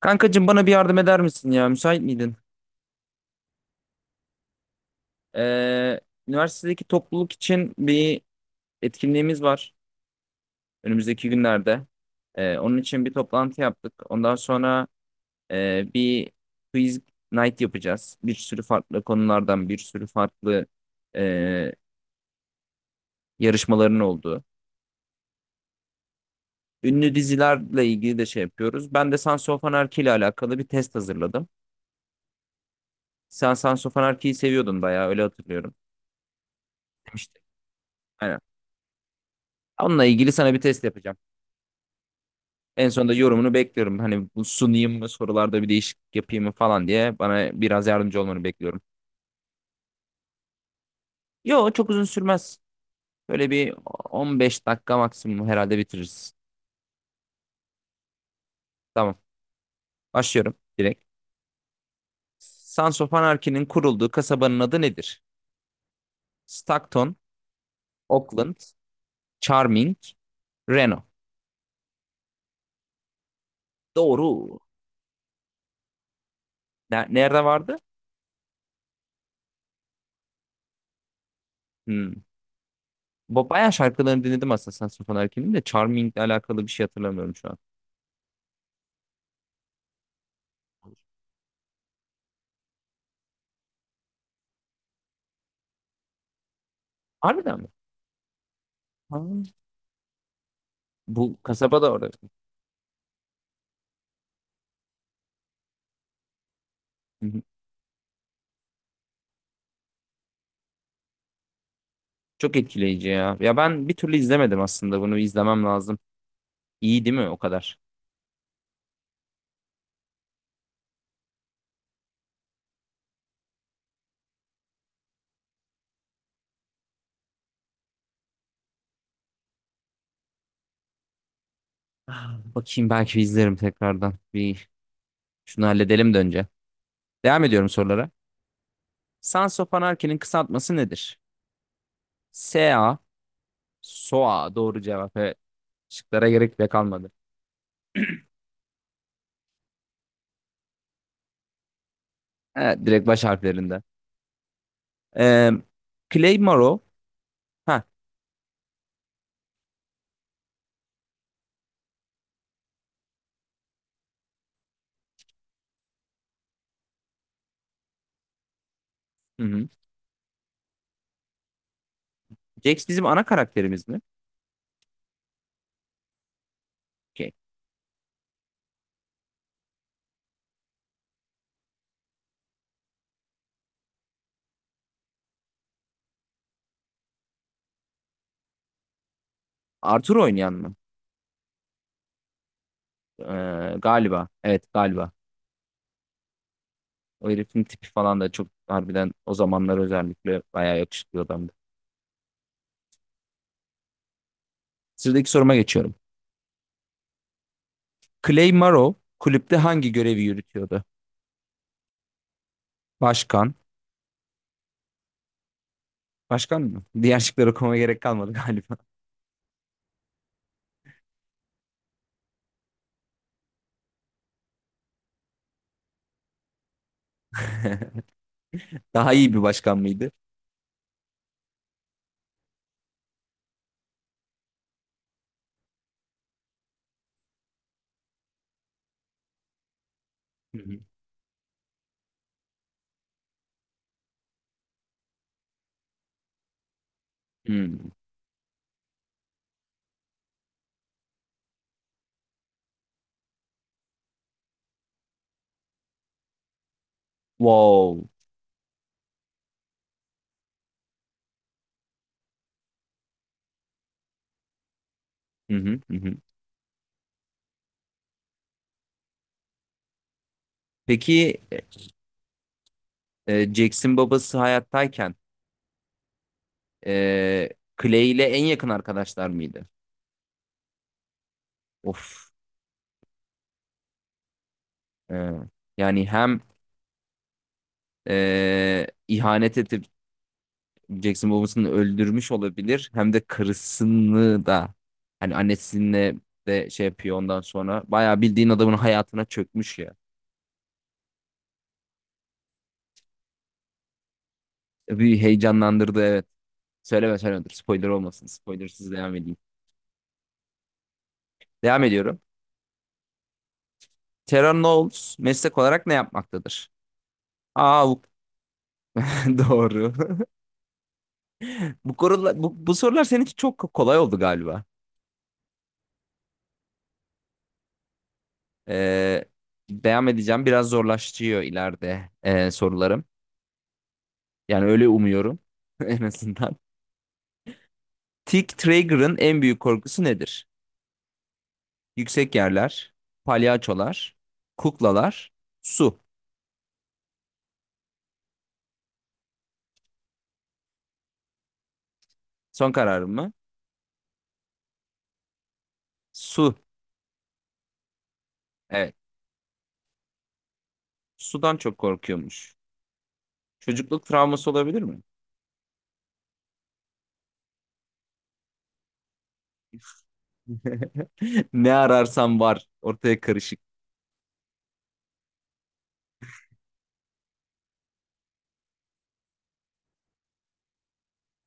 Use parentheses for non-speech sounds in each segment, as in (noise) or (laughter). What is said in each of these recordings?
Kankacığım bana bir yardım eder misin ya? Müsait miydin? Ee, Üniversitedeki topluluk için bir etkinliğimiz var önümüzdeki günlerde. Onun için bir toplantı yaptık. Ondan sonra bir quiz night yapacağız. Bir sürü farklı konulardan, bir sürü farklı e, yarışmaların olduğu. Ünlü dizilerle ilgili de şey yapıyoruz. Ben de Sons of Anarchy ile alakalı bir test hazırladım. Sen Sons of Anarchy'yi seviyordun bayağı öyle hatırlıyorum. Demiştin. Aynen. Onunla ilgili sana bir test yapacağım. En sonunda yorumunu bekliyorum. Hani bu sunayım mı, sorularda bir değişiklik yapayım mı falan diye bana biraz yardımcı olmanı bekliyorum. Yo çok uzun sürmez. Böyle bir 15 dakika maksimum herhalde bitiririz. Tamam. Başlıyorum direkt. Sons of Anarchy'nin kurulduğu kasabanın adı nedir? Stockton, Oakland, Charming, Reno. Doğru. Nerede vardı? Hmm. Bu bayağı şarkılarını dinledim aslında Sons of Anarchy'nin de Charming'le alakalı bir şey hatırlamıyorum şu an. Harbiden mi? Ha. Bu kasaba da orada. Hı hı. Çok etkileyici ya. Ya ben bir türlü izlemedim aslında bunu izlemem lazım. İyi değil mi o kadar? Ah, bakayım belki bir izlerim tekrardan. Bir şunu halledelim de önce. Devam ediyorum sorulara. Sans of Anarchy'nin kısaltması nedir? SA, SOA doğru cevap. Evet. Şıklara gerek bile kalmadı. Evet, direkt baş harflerinde. Ee, Clay Morrow. Ha, hı hı. Jax bizim ana karakterimiz mi? Okey. Arthur oynayan mı? Galiba. Evet galiba. O herifin tipi falan da çok harbiden o zamanlar özellikle bayağı yakışıklı adamdı. Sıradaki soruma geçiyorum. Clay Morrow kulüpte hangi görevi yürütüyordu? Başkan. Başkan mı? Diğer şıkları okumama gerek kalmadı galiba. (laughs) Daha iyi bir başkan mıydı? Hı hı. Hmm. Wow. Hı hı, hı hı. Peki Jackson babası hayattayken e, Clay ile en yakın arkadaşlar mıydı? Of. E, yani hem ihanet edip Jackson babasını öldürmüş olabilir. Hem de karısını da hani annesinle de şey yapıyor ondan sonra. Bayağı bildiğin adamın hayatına çökmüş ya. Bir heyecanlandırdı evet. Söyleme söyleme dur spoiler olmasın. Spoilersız devam edeyim. Devam ediyorum. Terran Knowles meslek olarak ne yapmaktadır? Aa bu (laughs) doğru. (laughs) Bu sorular senin için çok kolay oldu galiba. Ee, Devam edeceğim. Biraz zorlaşıyor ileride sorularım. Yani öyle umuyorum (laughs) en azından. Tick Traeger'ın en büyük korkusu nedir? Yüksek yerler, palyaçolar, kuklalar, su. Son kararım mı? Su. Evet. Sudan çok korkuyormuş. Çocukluk travması olabilir mi? (laughs) Ne ararsam var. Ortaya karışık.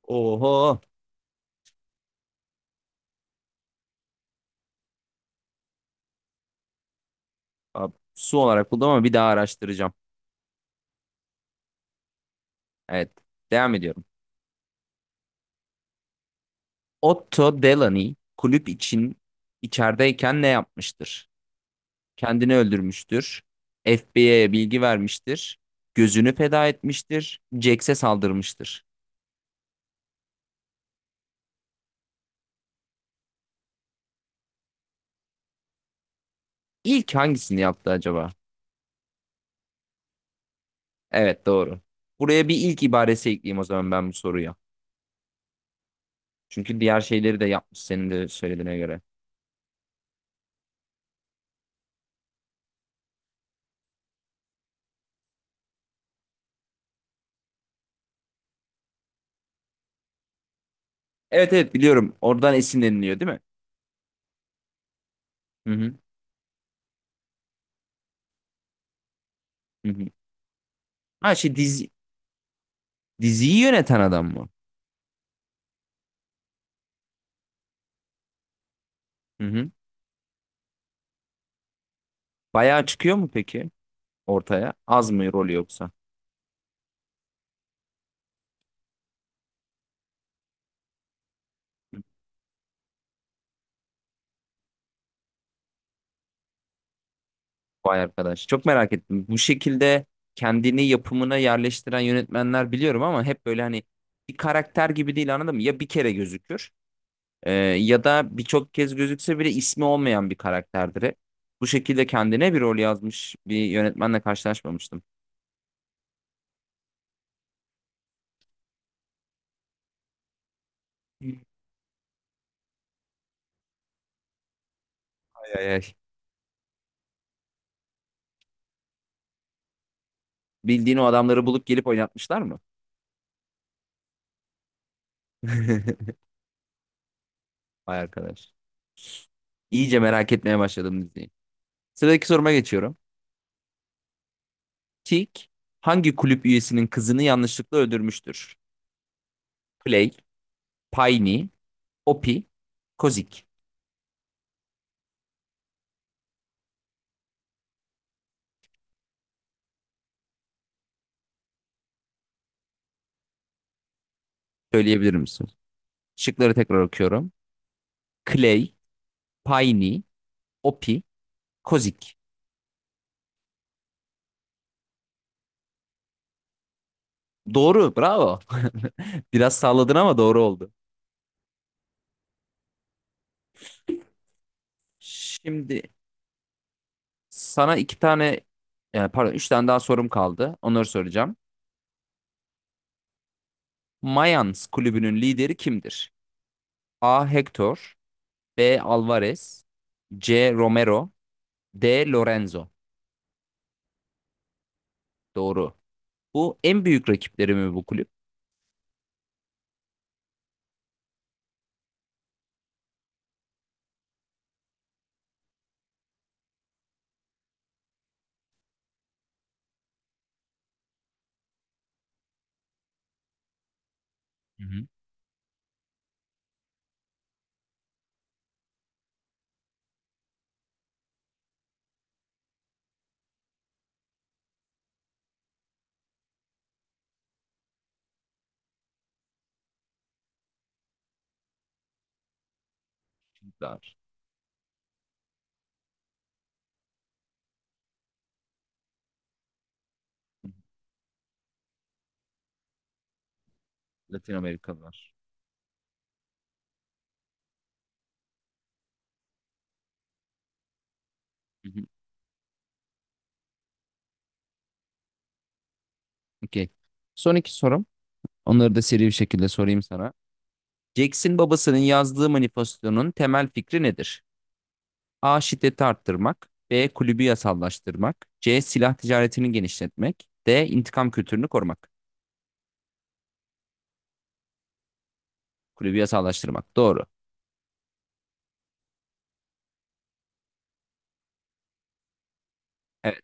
Oho. Abi, su olarak buldum ama bir daha araştıracağım. Evet. Devam ediyorum. Otto Delany kulüp için içerideyken ne yapmıştır? Kendini öldürmüştür. FBI'ye bilgi vermiştir. Gözünü feda etmiştir. Jax'e saldırmıştır. İlk hangisini yaptı acaba? Evet doğru. Buraya bir ilk ibaresi ekleyeyim o zaman ben bu soruya. Çünkü diğer şeyleri de yapmış senin de söylediğine göre. Evet evet biliyorum. Oradan esinleniliyor değil mi? Hı hı. Hı hı. Ha, diziyi yöneten adam mı? Hı hı. Bayağı çıkıyor mu peki ortaya? Az mı rolü yoksa? Vay arkadaş. Çok merak ettim. Bu şekilde kendini yapımına yerleştiren yönetmenler biliyorum ama hep böyle hani bir karakter gibi değil anladın mı? Ya bir kere gözükür ya da birçok kez gözükse bile ismi olmayan bir karakterdir hep. Bu şekilde kendine bir rol yazmış bir yönetmenle karşılaşmamıştım. Ay, ay, ay. Bildiğin o adamları bulup gelip oynatmışlar mı? (laughs) Vay arkadaş. İyice merak etmeye başladım diziyi. Sıradaki soruma geçiyorum. Tik hangi kulüp üyesinin kızını yanlışlıkla öldürmüştür? Play, Piney, Opie, Kozik. Söyleyebilir misin? Şıkları tekrar okuyorum. Clay, Piney, Opie, Kozik. Doğru, bravo. (laughs) Biraz salladın ama doğru oldu. Şimdi sana pardon, üç tane daha sorum kaldı. Onları soracağım. Mayans kulübünün lideri kimdir? A. Hector, B. Alvarez, C. Romero, D. Lorenzo. Doğru. Bu en büyük rakipleri mi bu kulüp? Hı hı. Latin Amerikalılar. Hı hı, okey. Son iki sorum. Onları da seri bir şekilde sorayım sana. Jackson babasının yazdığı manifestonun temel fikri nedir? A. Şiddeti arttırmak. B. Kulübü yasallaştırmak. C. Silah ticaretini genişletmek. D. İntikam kültürünü korumak. Kulübü yasallaştırmak. Doğru. Evet.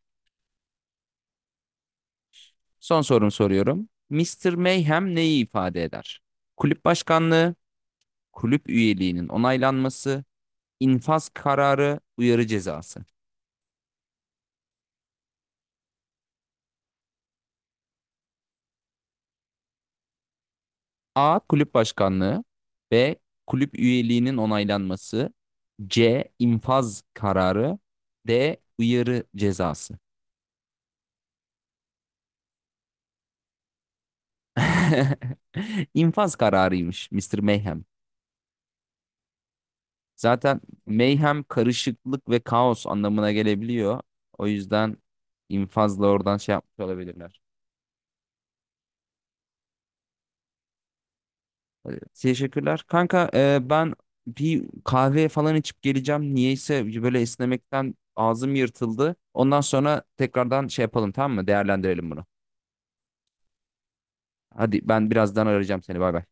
Son sorumu soruyorum. Mister Mayhem neyi ifade eder? Kulüp başkanlığı, kulüp üyeliğinin onaylanması, infaz kararı, uyarı cezası. A. Kulüp başkanlığı. B. Kulüp üyeliğinin onaylanması. C. infaz kararı. D. Uyarı cezası. (laughs) İnfaz kararıymış Mr. Mayhem. Zaten mayhem karışıklık ve kaos anlamına gelebiliyor. O yüzden infazla oradan şey yapmış olabilirler. Teşekkürler. Kanka ben bir kahve falan içip geleceğim. Niyeyse böyle esnemekten ağzım yırtıldı. Ondan sonra tekrardan şey yapalım tamam mı? Değerlendirelim bunu. Hadi ben birazdan arayacağım seni. Bay bay.